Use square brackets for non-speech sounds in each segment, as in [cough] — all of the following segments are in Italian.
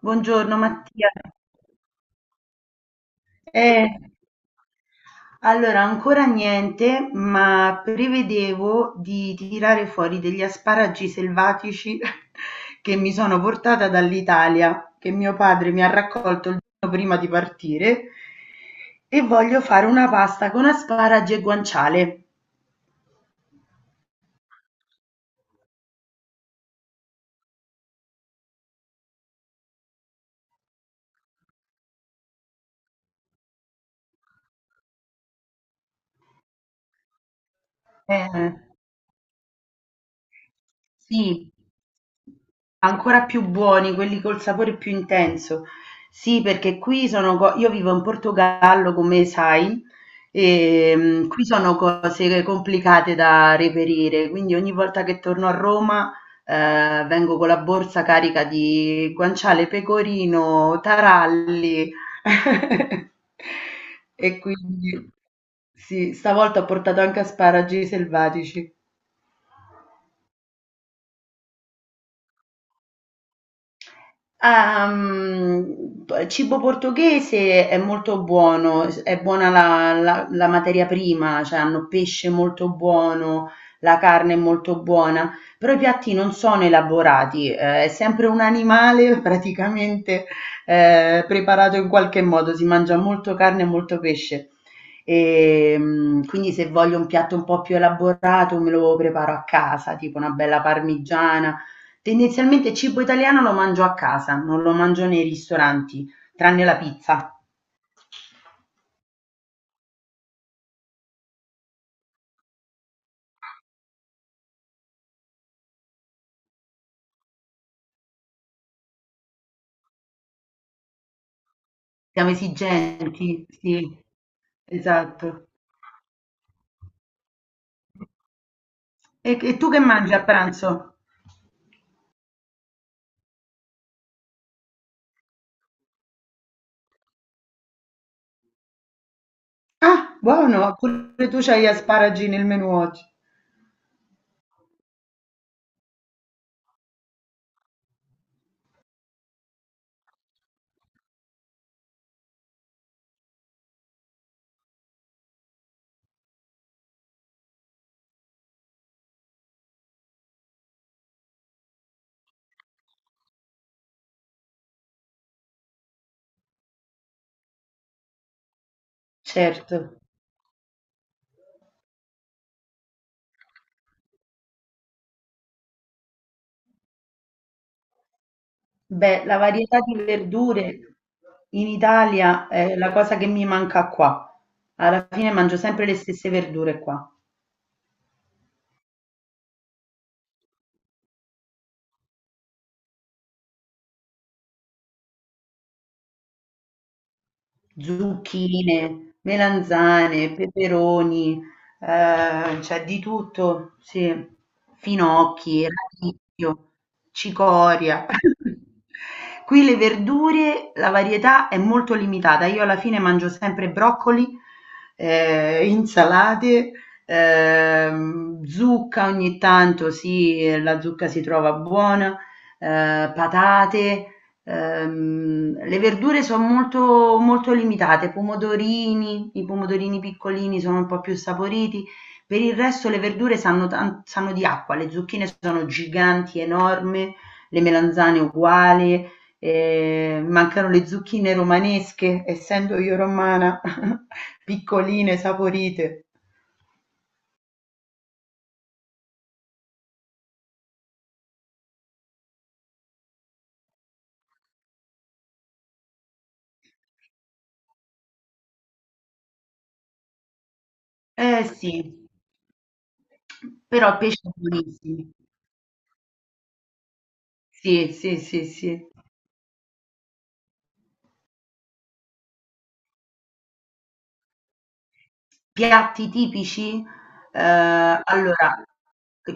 Buongiorno Mattia. Eh, allora, ancora niente, ma prevedevo di tirare fuori degli asparagi selvatici [laughs] che mi sono portata dall'Italia, che mio padre mi ha raccolto il giorno prima di partire, e voglio fare una pasta con asparagi e guanciale. Eh, Sì, ancora più buoni, quelli col sapore più intenso. Sì, perché qui sono io vivo in Portogallo, come sai, e qui sono cose complicate da reperire, quindi ogni volta che torno a Roma vengo con la borsa carica di guanciale, pecorino, taralli. [laughs] E quindi sì, stavolta ho portato anche asparagi selvatici. Ah, mhmm, p cibo portoghese è molto buono, s è buona la materia prima, cioè hanno pesce molto buono, la carne è molto buona, però i piatti non sono elaborati, è sempre un animale [laughs] praticamente, preparato in qualche modo, si mangia molto carne e molto pesce. Quindi se voglio un piatto un po' più elaborato me lo preparo a casa, tipo una bella parmigiana. Tendenzialmente il cibo italiano lo mangio a casa, non lo mangio nei ristoranti, tranne la pizza. Siamo esigenti, sì, esatto. E tu che mangi a pranzo? Ah, buono, pure tu c'hai gli asparagi nel menù oggi. Certo, beh, la varietà di verdure in Italia è la cosa che mi manca qua. Alla fine mangio sempre le stesse verdure qua. Zucchine, melanzane, peperoni, c'è di tutto, sì. Finocchi, radicchio, cicoria. [laughs] Qui le verdure, la varietà è molto limitata. Io alla fine mangio sempre broccoli, insalate, zucca ogni tanto, sì, la zucca si trova buona, patate. Le verdure sono molto, molto limitate, pomodorini, i pomodorini piccolini sono un po' più saporiti, per il resto le verdure sanno, sanno di acqua, le zucchine sono giganti, enormi, le melanzane uguali, mancano le zucchine romanesche, essendo io romana, [laughs] piccoline, saporite. Eh sì, però pesce buonissimo. Sì, sì, sì, sì. Piatti tipici? Allora,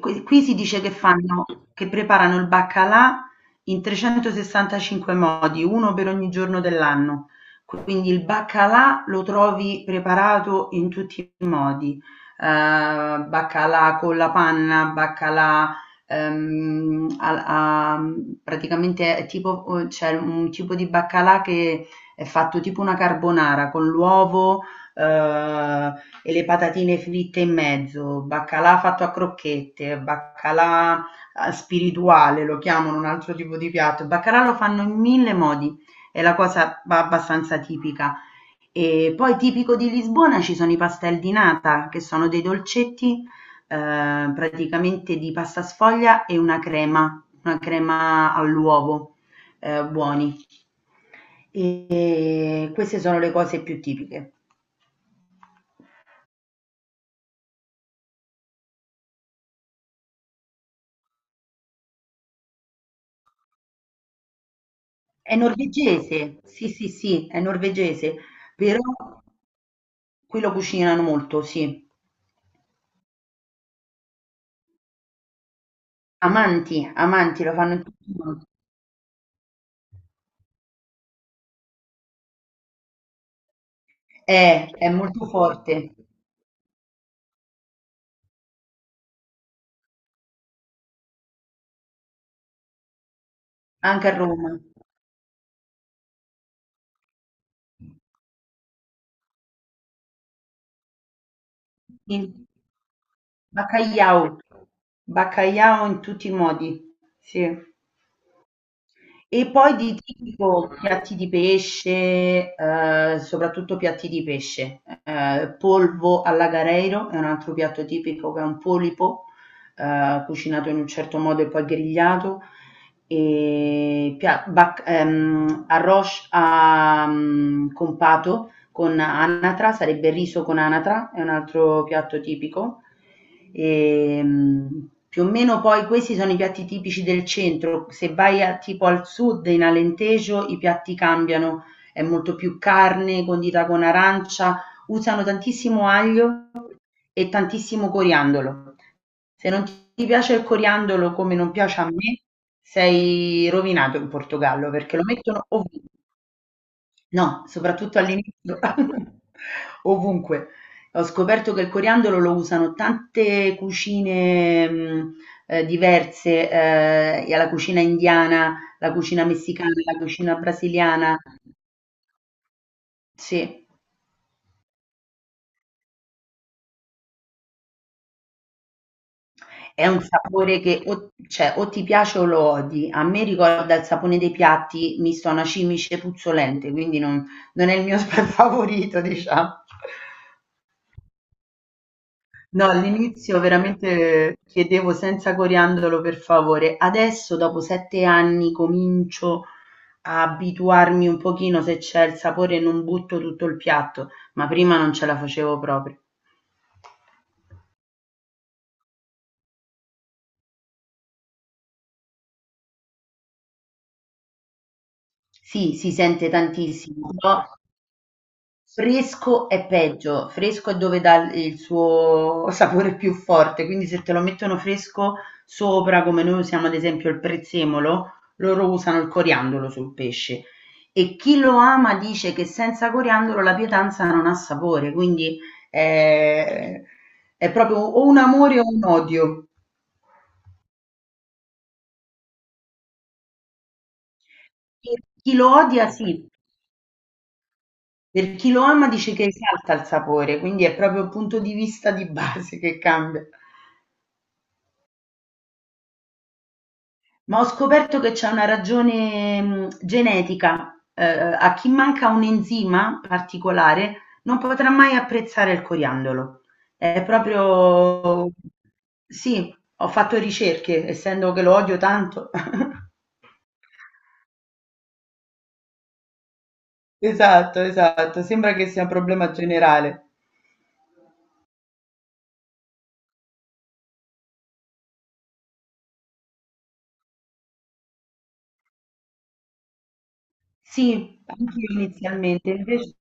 qui si dice che fanno che preparano il baccalà in 365 modi, uno per ogni giorno dell'anno. Quindi il baccalà lo trovi preparato in tutti i modi, baccalà con la panna, baccalà, praticamente è tipo c'è un tipo di baccalà che è fatto tipo una carbonara con l'uovo, e le patatine fritte in mezzo, baccalà fatto a crocchette, baccalà, spirituale lo chiamano un altro tipo di piatto. Il baccalà lo fanno in mille modi, è la cosa ba abbastanza tipica. E poi tipico di Lisbona ci sono i pastel di nata, che sono dei dolcetti, praticamente di pasta sfoglia e una crema all'uovo, buoni. E queste sono le cose più tipiche. È norvegese, sì, sì, sì, è norvegese, però qui lo cucinano molto, sì. Amanti, amanti, lo fanno in tutti i modi. È molto forte, anche a Roma. Sì. Baccaiau, baccaiau in tutti i modi, sì. E poi di tipo piatti di pesce, soprattutto piatti di pesce, polvo all'agareiro è un altro piatto tipico che è un polipo, cucinato in un certo modo e poi grigliato, e arroz a, con pato, con anatra, sarebbe il riso con anatra, è un altro piatto tipico. E, più o meno poi questi sono i piatti tipici del centro, se vai tipo al sud, in Alentejo, i piatti cambiano, è molto più carne condita con arancia, usano tantissimo aglio e tantissimo coriandolo. Se non ti piace il coriandolo come non piace a me, sei rovinato in Portogallo perché lo mettono ovunque. No, soprattutto all'inizio, [laughs] ovunque. Ho scoperto che il coriandolo lo usano tante cucine, mhmm, diverse, e alla cucina indiana, la cucina messicana, la cucina brasiliana. Sì, è un sapore che o ti piace o lo odi. A me ricorda il sapone dei piatti misto a una cimice puzzolente, quindi non non è il mio [laughs] favorito, diciamo. No, all'inizio veramente chiedevo senza coriandolo per favore. Adesso, dopo 7 anni, comincio a abituarmi un pochino, se c'è il sapore non butto tutto il piatto, ma prima non ce la facevo proprio. Sì, si sente tantissimo, però fresco è peggio, fresco è dove dà il suo [laughs] sapore più forte, quindi se te lo mettono fresco sopra, come noi usiamo ad esempio il prezzemolo, loro usano il coriandolo sul pesce. E chi lo ama dice che senza coriandolo la pietanza non ha sapore, quindi è, è proprio o un amore o un odio. Per chi lo odia sì, per chi lo ama dice che esalta il sapore, quindi è proprio il punto di vista di base che cambia. Ma ho scoperto che c'è una ragione genetica. A chi manca un enzima particolare non potrà mai apprezzare il coriandolo. È proprio... Sì, ho fatto ricerche, essendo che lo odio tanto. [laughs] Esatto, esatto. Sembra che sia un problema generale. Sì, anche io inizialmente, invece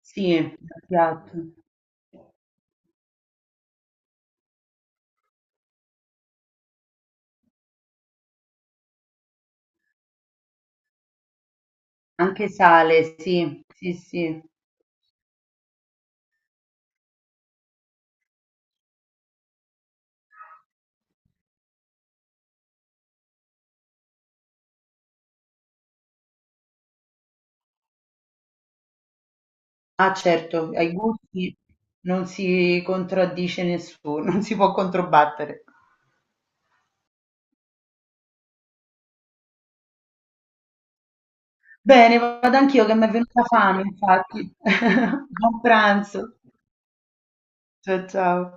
sì, piatto. Anche sale, sì, sì, sì. Ah certo, ai gusti non si contraddice nessuno, non si può controbattere. Bene, vado anch'io che mi è venuta fame, infatti. [laughs] Buon pranzo. Ciao ciao.